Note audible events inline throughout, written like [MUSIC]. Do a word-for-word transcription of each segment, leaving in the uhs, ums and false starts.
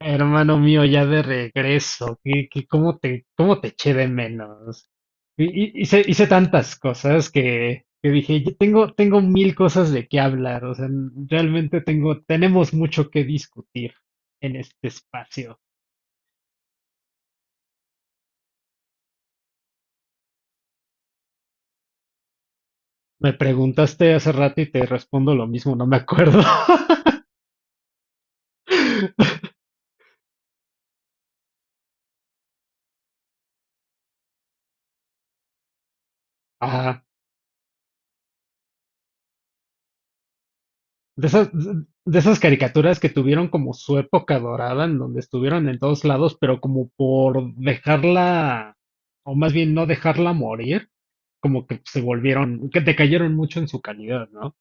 Hermano mío, ya de regreso, ¿qué, qué- cómo te, cómo te eché de menos? Y, y- hice, hice tantas cosas que, que dije, "Yo tengo, tengo mil cosas de qué hablar, o sea, n- realmente tengo, tenemos mucho que discutir en este espacio. Me preguntaste hace rato y te respondo lo mismo, no me acuerdo. [LAUGHS] Ajá. De esas, de esas caricaturas que tuvieron como su época dorada, en donde estuvieron en todos lados, pero como por dejarla, o más bien no dejarla morir, como que se volvieron, que decayeron mucho en su calidad, ¿no?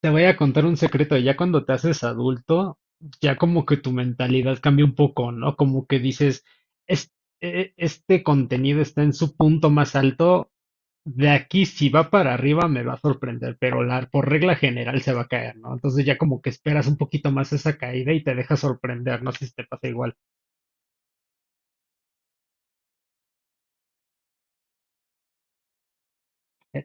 Te voy a contar un secreto, ya cuando te haces adulto, ya como que tu mentalidad cambia un poco, ¿no? Como que dices, "Es- e- este contenido está en su punto más alto, de aquí si va para arriba me va a sorprender, pero la, por regla general se va a caer, ¿no? Entonces ya como que esperas un poquito más esa caída y te deja sorprender, no sé si te pasa igual. Eh,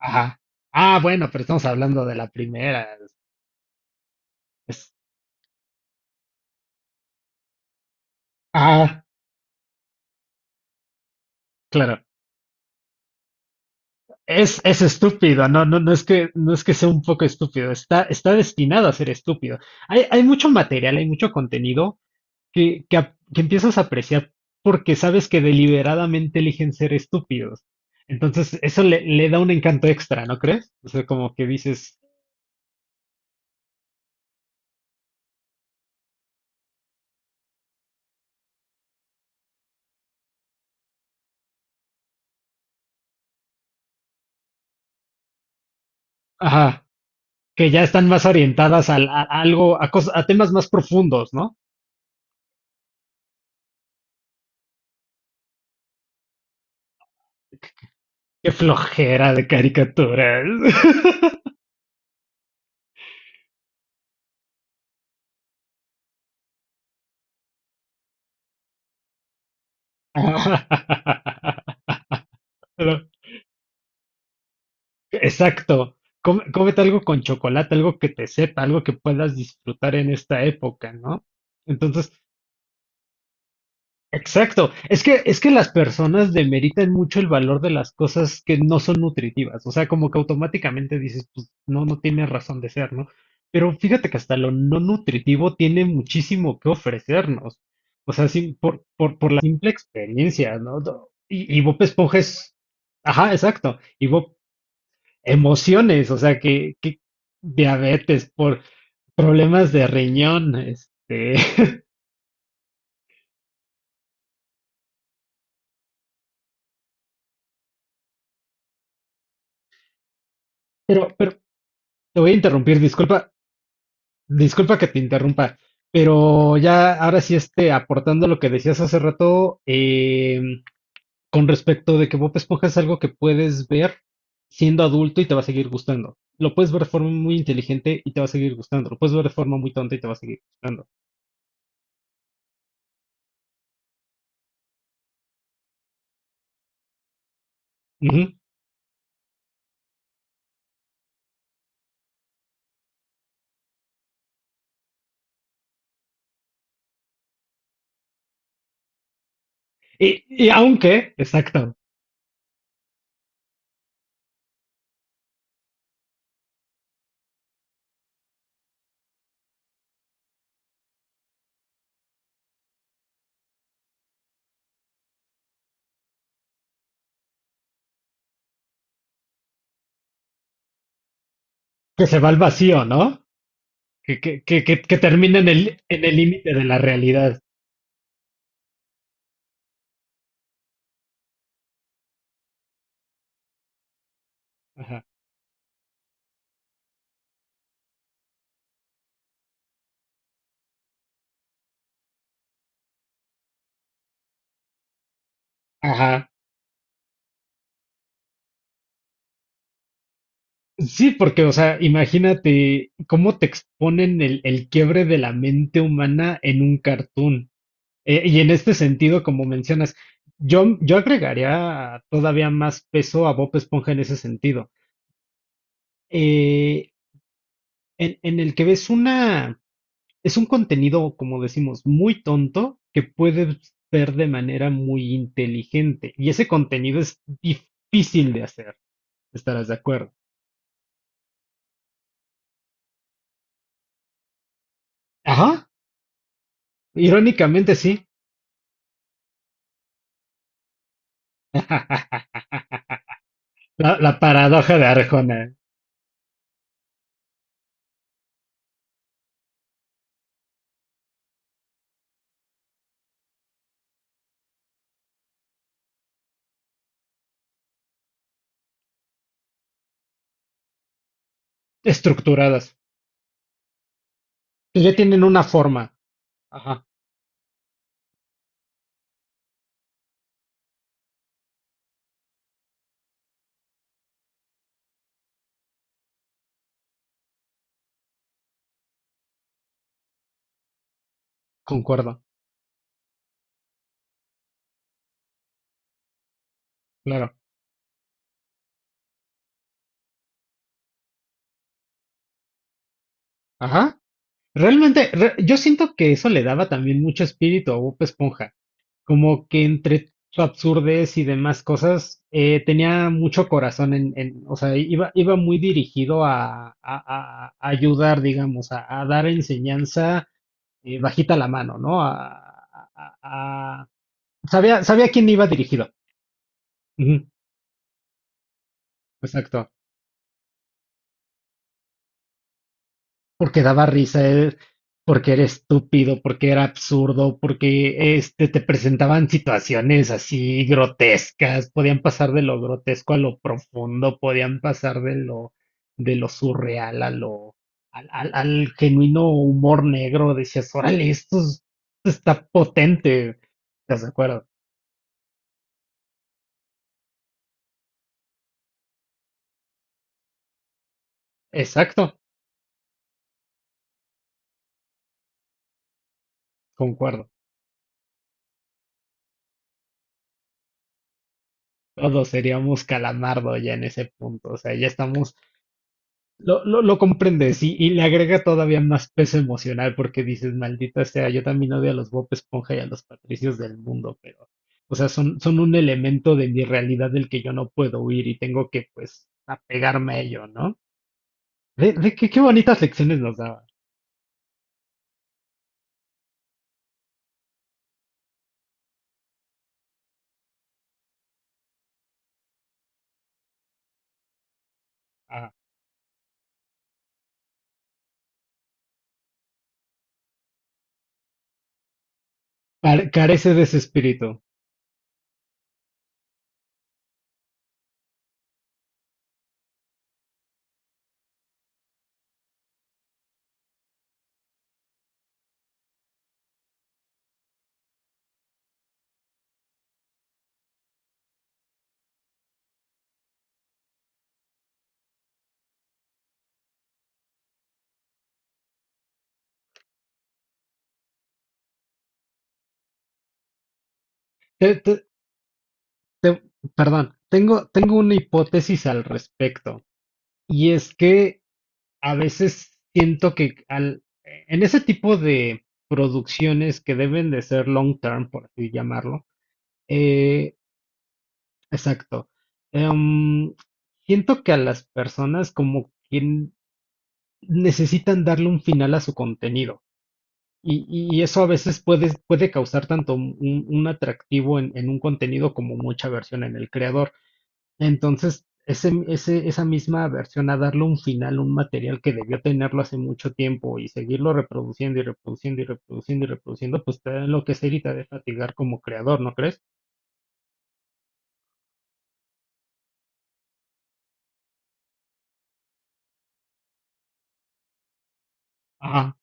Ajá. Ah, bueno, pero estamos hablando de la primera. es- ah, claro. Es, es estúpido, no, no, no es que, no es que sea un poco estúpido, está, está destinado a ser estúpido. Hay, hay mucho material, hay mucho contenido que, que, ap- que empiezas a apreciar porque sabes que deliberadamente eligen ser estúpidos. Entonces, eso le, le da un encanto extra, ¿no crees? O sea, como que dices, ajá, que ya están más orientadas al- a, a algo, a, cosas a temas más profundos, ¿no? Qué flojera de caricaturas. [LAUGHS] Exacto. Come- cómete algo con chocolate, algo que te sepa, algo que puedas disfrutar en esta época, ¿no? Entonces, exacto. Es que, es que las personas demeritan mucho el valor de las cosas que no son nutritivas. O sea, como que automáticamente dices, pues no, no tiene razón de ser, ¿no? Pero fíjate que hasta lo no nutritivo tiene muchísimo que ofrecernos. O sea, sí, por, por, por la simple experiencia, ¿no? Do- Y, y Bob Esponja es, ajá, exacto. Y Bob emociones, o sea, que, que diabetes, por problemas de riñón, este, [LAUGHS] pero, pero te voy a interrumpir, disculpa, disculpa que te interrumpa, pero ya ahora sí este, aportando lo que decías hace rato, eh, con respecto de que Bob Esponja es algo que puedes ver siendo adulto y te va a seguir gustando. Lo puedes ver de forma muy inteligente y te va a seguir gustando. Lo puedes ver de forma muy tonta y te va a seguir gustando. Ujú. Y, y aunque, exacto, que se va al vacío, ¿no? Que, que, que, que, que termina en el, en el límite de la realidad. Ajá. Ajá. Sí, porque, o sea, imagínate cómo te exponen el, el quiebre de la mente humana en un cartoon. Eh, y en este sentido, como mencionas, yo, yo agregaría todavía más peso a Bob Esponja en ese sentido. Eh, en, en el que ves una, es un contenido, como decimos, muy tonto que puedes ver de manera muy inteligente. Y ese contenido es difícil de hacer. ¿Estarás de acuerdo? Ajá. Irónicamente, sí. [LAUGHS] La, la paradoja de Arjona. Estructuradas. Que ya tienen una forma. Ajá. Concuerdo. Claro. Ajá. Realmente, re- yo siento que eso le daba también mucho espíritu a Bob Esponja, como que entre su absurdez y demás cosas, eh, tenía mucho corazón en, en- o sea, iba, iba muy dirigido a, a- a- a ayudar, digamos, a, a dar enseñanza eh, bajita la mano, ¿no? A, a- a- a- Sabía, sabía a quién iba dirigido. Ujú, exacto. Porque daba risa, eh, porque era estúpido, porque era absurdo, porque este, te presentaban situaciones así grotescas, podían pasar de lo grotesco a lo profundo, podían pasar de lo, de lo surreal a lo, al, al- al genuino humor negro, decías, órale, esto es- está potente. ¿Estás de acuerdo? Exacto, concuerdo. Todos seríamos calamardo ya en ese punto, o sea, ya estamos Lo, lo, lo comprendes y, y le agrega todavía más peso emocional porque dices, maldita sea, yo también odio a los Bob Esponja y a los Patricios del mundo, pero, o sea, son, son un elemento de mi realidad del que yo no puedo huir y tengo que, pues, apegarme a ello, ¿no? Ve, ve qué, qué bonitas lecciones nos daba. Ah, par- carece de ese espíritu. Te- te- te- Perdón, tengo, tengo una hipótesis al respecto, y es que a veces siento que al, eh, en ese tipo de producciones que deben de ser long term, por así llamarlo, eh, exacto, em, siento que a las personas como que necesitan darle un final a su contenido. Y, y eso a veces puede, puede causar tanto un, un atractivo en en un contenido como mucha versión en el creador. Entonces, ese, ese, esa misma versión a darle un final, un material que debió tenerlo hace mucho tiempo y seguirlo reproduciendo y reproduciendo y reproduciendo y reproduciendo, pues te da enloquecer y te de fatigar como creador, ¿no crees? Ah,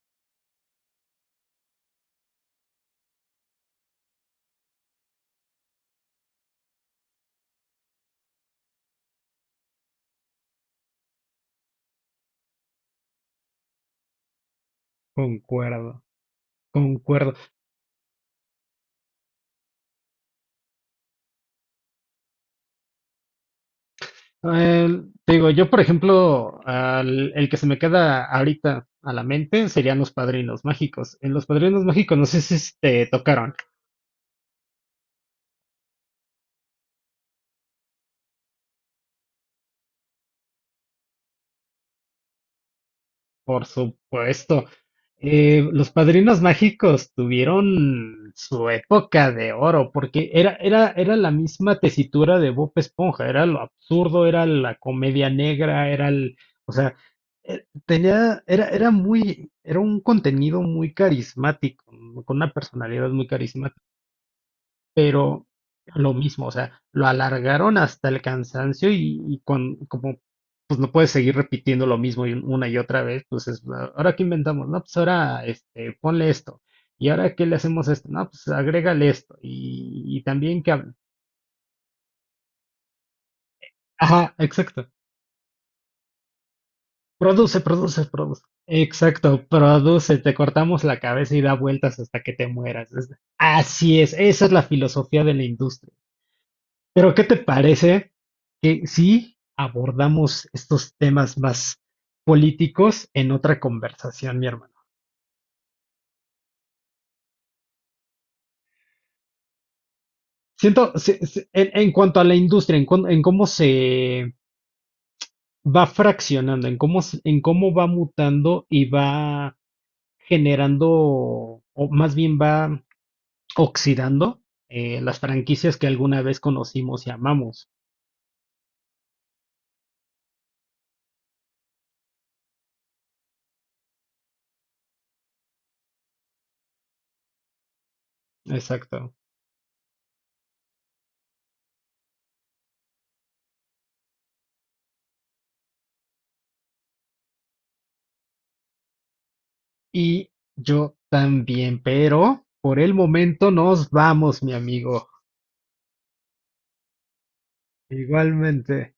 concuerdo, concuerdo. Eh, te digo, yo por ejemplo, al- el que se me queda ahorita a la mente serían Los Padrinos Mágicos. En Los Padrinos Mágicos no sé si te tocaron. Por supuesto. Eh, los Padrinos Mágicos tuvieron su época de oro, porque era, era, era la misma tesitura de Bob Esponja, era lo absurdo, era la comedia negra, era el, o sea, eh, tenía, era, era muy, era un contenido muy carismático, con una personalidad muy carismática. Pero lo mismo, o sea, lo alargaron hasta el cansancio y, y con, como pues no puedes seguir repitiendo lo mismo y una y otra vez, pues es, "Ah, ahora qué inventamos, no, pues ahora este, ponle esto, y ahora qué le hacemos a esto, no, pues agrégale esto, y, y también que... hab- Ajá, exacto. Produce, produce, produce. Exacto, produce, te cortamos la cabeza y da vueltas hasta que te mueras. Es- Así es, esa es la filosofía de la industria. Pero, ¿qué te parece que si abordamos estos temas más políticos en otra conversación, mi hermano? Siento, se- se- en, en cuanto a la industria, en, cuan- en cómo se va fraccionando, en cómo, se- en cómo va mutando y va generando, o más bien va oxidando eh, las franquicias que alguna vez conocimos y amamos. Exacto. Y yo también, pero por el momento nos vamos, mi amigo. Igualmente.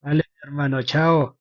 Vale, hermano. Chao.